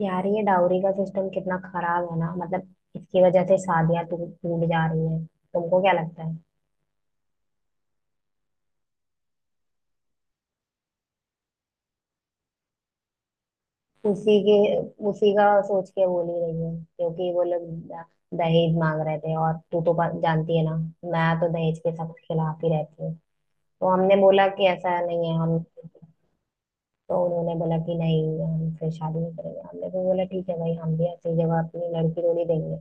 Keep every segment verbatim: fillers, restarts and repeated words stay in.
यार ये डाउरी का सिस्टम कितना खराब है ना। मतलब इसकी वजह से शादियां टू- टूट जा रही है। तुमको क्या लगता है? उसी के उसी का सोच के बोल ही रही है, क्योंकि वो लोग द- दहेज मांग रहे थे। और तू तो प- जानती है ना, मैं तो दहेज के सख्त खिलाफ ही रहती हूँ। तो हमने बोला कि ऐसा नहीं है हम। तो उन्होंने बोला कि नहीं, हम फिर शादी नहीं करेंगे। हमने भी बोला ठीक है भाई, हम भी ऐसी जगह अपनी लड़की को नहीं देंगे।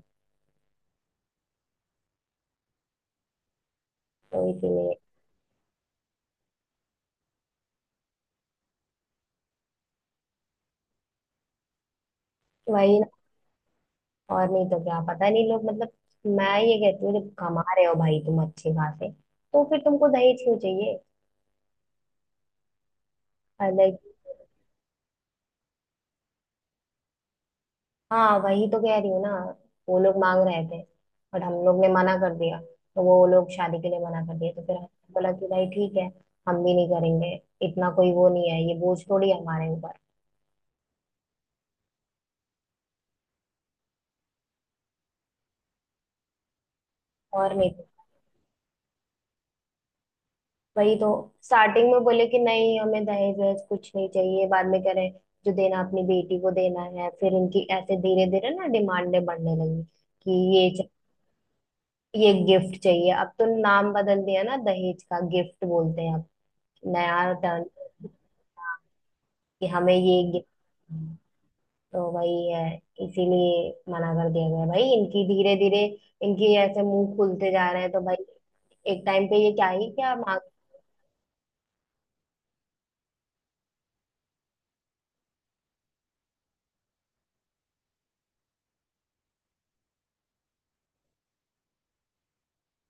तो इसीलिए। वही। और नहीं तो क्या, पता नहीं लोग, मतलब, मैं ये कहती हूँ जब कमा रहे हो भाई तुम अच्छे खासे, तो फिर तुमको दहेज क्यों चाहिए? अलग। हाँ वही तो कह रही हूँ ना, वो लोग मांग रहे थे। बट हम लोग ने मना कर दिया, तो वो लोग शादी के लिए मना कर दिया, तो फिर हमने बोला कि भाई ठीक है, हम भी नहीं करेंगे। इतना कोई वो नहीं है, ये बोझ थोड़ी है हमारे ऊपर। और नहीं। वही तो। स्टार्टिंग में बोले कि नहीं, हमें दहेज वहेज कुछ नहीं चाहिए, बाद में कह रहे हैं, जो देना अपनी बेटी को देना है। फिर उनकी ऐसे धीरे धीरे ना डिमांडें बढ़ने लगी कि ये च- ये गिफ्ट चाहिए। अब तो नाम बदल दिया ना, दहेज का गिफ्ट बोलते हैं अब, नया टर्न, कि हमें ये गिफ्ट। तो वही है। इसीलिए मना कर दिया गया भाई, इनकी धीरे धीरे इनकी ऐसे मुंह खुलते जा रहे हैं तो भाई एक टाइम पे ये क्या ही क्या मांग।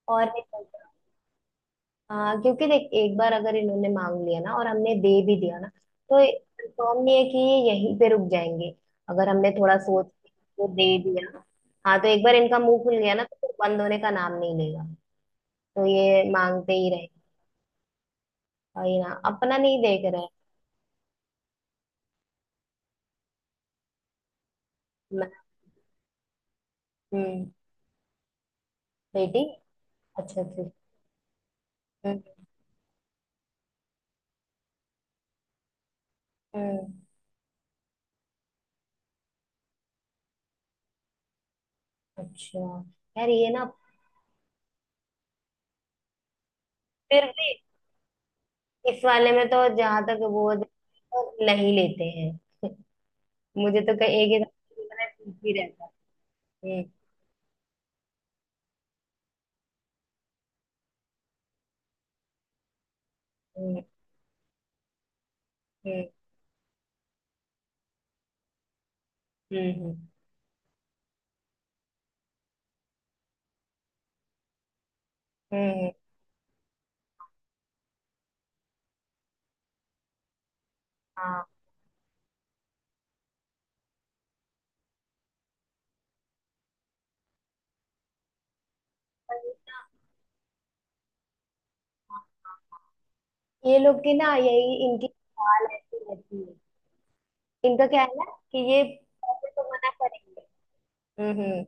और नहीं तो। हाँ क्योंकि देख, एक बार अगर इन्होंने मांग लिया ना और हमने दे भी दिया ना, तो कंफर्म नहीं है कि ये यहीं पे रुक जाएंगे। अगर हमने थोड़ा सोच के तो दे दिया। हाँ तो एक बार इनका मुंह खुल गया ना, तो फिर बंद होने का नाम नहीं लेगा। तो ये मांगते ही रहे। वही ना, अपना नहीं देख रहे हैं। मैं- हम्म। बेटी। अच्छा ठीक। हम्म, हम्म, अच्छा। यार ये ना, फिर भी इस वाले में तो जहां तक वो तो नहीं लेते हैं। मुझे तो कहीं एक ही भी रहता है। हम्म। हम्म, हम्म, हम्म, हम्म, हाँ। पर ना, हाँ, हाँ, ये लोग की ना यही इनकी चाल ऐसी रहती है। इनका क्या है ना कि ये पैसे तो मना करेंगे। हम्म।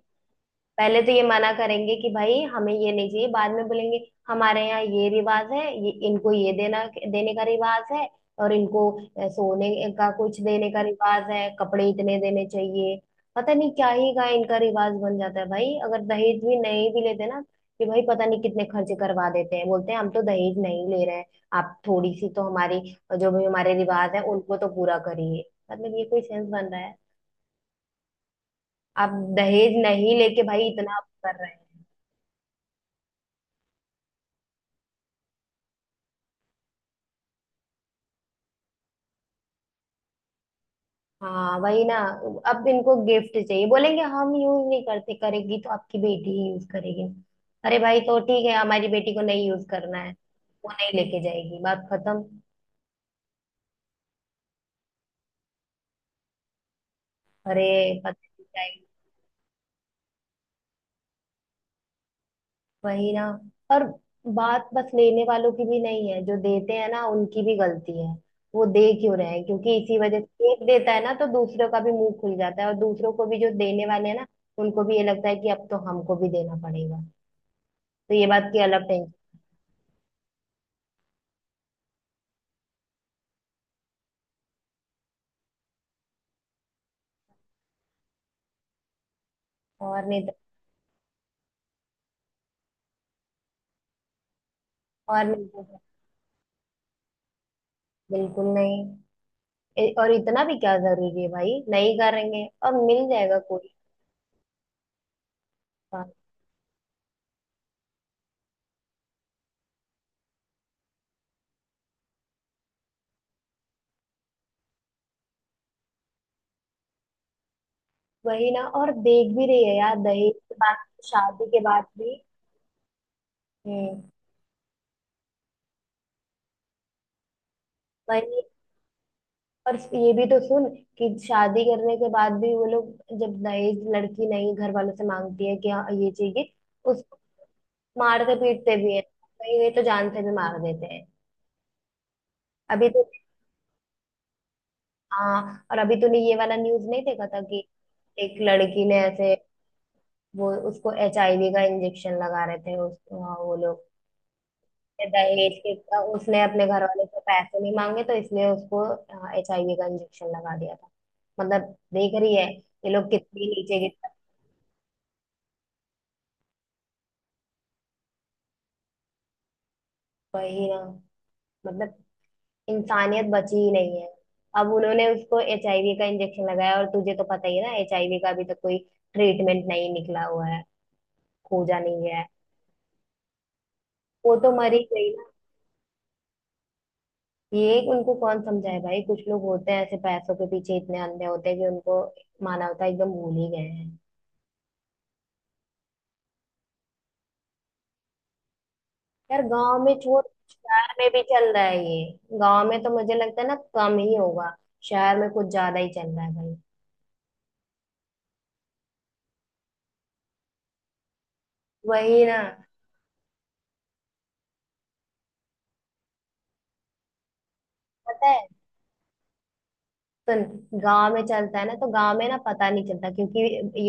पहले तो ये मना करेंगे कि भाई हमें ये नहीं चाहिए, बाद में बोलेंगे हमारे यहाँ ये रिवाज है, ये इनको ये देना, देने का रिवाज है। और इनको अ, सोने का कुछ देने का रिवाज है, कपड़े इतने देने चाहिए। पता नहीं क्या ही का इनका रिवाज बन जाता है भाई, अगर दहेज भी नहीं भी लेते ना, कि भाई पता नहीं कितने खर्चे करवा देते हैं। बोलते हैं हम तो दहेज नहीं ले रहे हैं, आप थोड़ी सी तो हमारी जो भी हमारे रिवाज है उनको तो पूरा करिए। मतलब ये कोई सेंस बन रहा है? आप दहेज नहीं लेके भाई इतना आप कर रहे हैं। हाँ वही ना, अब इनको गिफ्ट चाहिए। बोलेंगे हम यूज नहीं करते, करेगी तो आपकी बेटी ही यूज करेगी। अरे भाई तो ठीक है, हमारी बेटी को नहीं यूज करना है, वो नहीं लेके जाएगी, बात खत्म। अरे, पता नहीं जाएगी। वही ना। और बात बस लेने वालों की भी नहीं है, जो देते हैं ना उनकी भी गलती है। वो दे क्यों रहे हैं? क्योंकि इसी वजह से एक देता है ना तो दूसरों का भी मुंह खुल जाता है, और दूसरों को भी जो देने वाले हैं ना, उनको भी ये लगता है कि अब तो हमको भी देना पड़ेगा। तो ये बात की अलग टेंशन। और नहीं तो। और नहीं तो क्या? बिल्कुल नहीं। ए- और इतना भी क्या जरूरी है भाई, नहीं करेंगे और मिल जाएगा कोई इंसान। वही ना। और देख भी रही है यार, दहेज के बाद, शादी के बाद भी। हम्म। वही। और ये भी तो सुन कि शादी करने के बाद भी वो लोग, जब दहेज लड़की नहीं घर वालों से मांगती है कि हाँ ये चाहिए, उसको मारते पीटते भी है, कहीं कहीं तो जान से भी मार देते हैं। अभी तो। हाँ। और अभी तूने ये वाला न्यूज नहीं देखा था कि एक लड़की ने ऐसे, वो उसको एचआईवी का इंजेक्शन लगा रहे थे उस हाँ, वो लोग ये दहेज के, उसने अपने घर वाले से पैसे नहीं मांगे तो इसलिए उसको एचआईवी का इंजेक्शन लगा दिया था। मतलब देख रही है ये लोग कितनी नीचे गिर। वही ना। मतलब इंसानियत बची ही नहीं है। अब उन्होंने उसको एचआईवी का इंजेक्शन लगाया, और तुझे तो पता ही है ना एचआईवी का अभी तक कोई ट्रीटमेंट नहीं निकला हुआ है, खोजा नहीं गया है। वो तो मर ही गई। ये उनको कौन समझाए भाई, कुछ लोग होते हैं ऐसे पैसों के पीछे इतने अंधे होते हैं कि उनको मानवता एकदम भूल ही गए हैं। यार गांव में छोड़, शहर में भी चल रहा है ये। गांव में तो मुझे लगता है ना कम ही होगा, शहर में कुछ ज्यादा ही चल रहा है भाई। वही ना। पता है, सुन, गांव में चलता है ना तो गांव में ना पता नहीं चलता, क्योंकि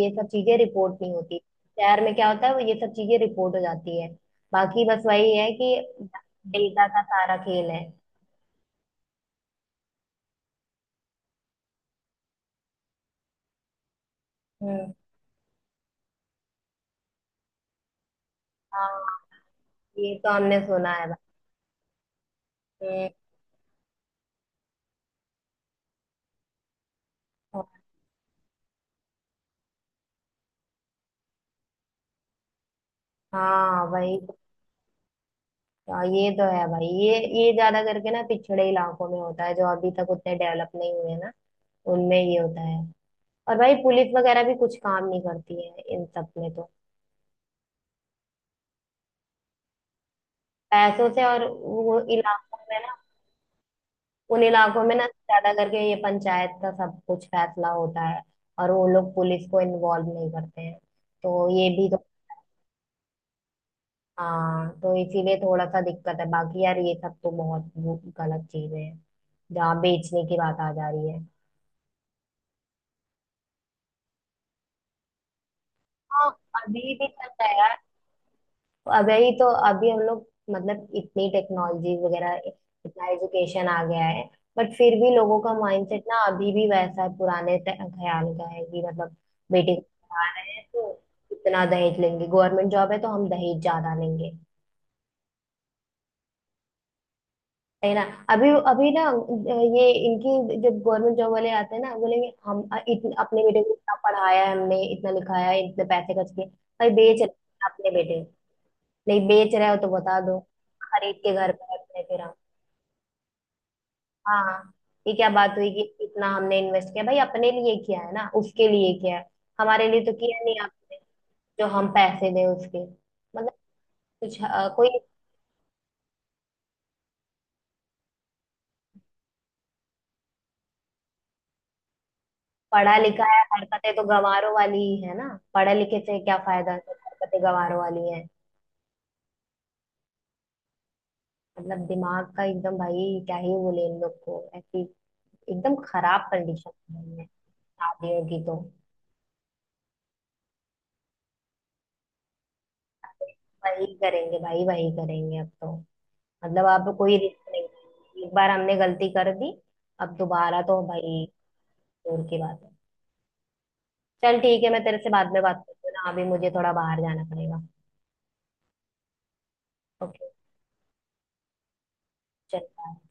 ये सब चीजें रिपोर्ट नहीं होती। शहर में क्या होता है, वो ये सब चीजें रिपोर्ट हो जाती है। बाकी बस वही है कि डेटा का सारा खेल है। हम्म। हाँ ये तो हमने सुना है भाई। और। हाँ वही। हाँ, ये तो है भाई, ये ये ज्यादा करके ना पिछड़े इलाकों में होता है, जो अभी तक उतने डेवलप नहीं हुए ना, उनमें ये होता है। और भाई पुलिस वगैरह भी कुछ काम नहीं करती है इन सब में तो। पैसों से। और वो इलाकों में ना, उन इलाकों में ना ज्यादा करके ये पंचायत का सब कुछ फैसला होता है, और वो लोग पुलिस को इन्वॉल्व नहीं करते हैं। तो ये भी तो। हाँ तो इसीलिए थोड़ा सा दिक्कत है। बाकी यार ये सब तो बहुत वो गलत चीजें हैं, जहाँ बेचने की बात आ जा रही है। हाँ, अभी भी चल रहा है यार। वही तो। अभी हम लोग, मतलब इतनी टेक्नोलॉजी वगैरह, इतना एजुकेशन आ गया है, बट फिर भी लोगों का माइंडसेट ना अभी भी वैसा है, पुराने ते- ख्याल का है कि, मतलब बेटे को पढ़ा रहे हैं तो इतना दहेज लेंगे, गवर्नमेंट जॉब है तो हम दहेज ज्यादा लेंगे। है ना। अभी अभी ना, ये इनकी जो गवर्नमेंट जॉब वाले आते हैं ना, बोलेंगे हम इतने अपने बेटे को इतना पढ़ाया है हमने, इतना लिखाया है, इतने पैसे खर्च किए। भाई बेच रहे हैं अपने बेटे, नहीं बेच रहे हो तो बता दो, खरीद के घर पे रख रहे फिर हम। हाँ हाँ, ये क्या बात हुई कि इतना हमने इन्वेस्ट किया भाई, अपने लिए किया है ना उसके लिए किया है, हमारे लिए तो किया नहीं आपने, जो हम पैसे दें उसके मतलब कुछ अ, कोई। पढ़ा लिखा है, हरकतें तो गंवारों वाली ही है ना। पढ़े लिखे से क्या फायदा है जब हरकतें गंवारों वाली है। मतलब दिमाग का एकदम, भाई क्या ही बोले इन लोग को, ऐसी एकदम खराब कंडीशन है शादियों की तो। वही करेंगे भाई, वही करेंगे अब तो। मतलब अब कोई रिस्क नहीं, एक बार हमने गलती कर दी, अब दोबारा तो भाई दूर की बात है। चल ठीक है, मैं तेरे से बाद में बात करती हूँ ना, अभी मुझे थोड़ा बाहर जाना पड़ेगा। ओके। चल bye.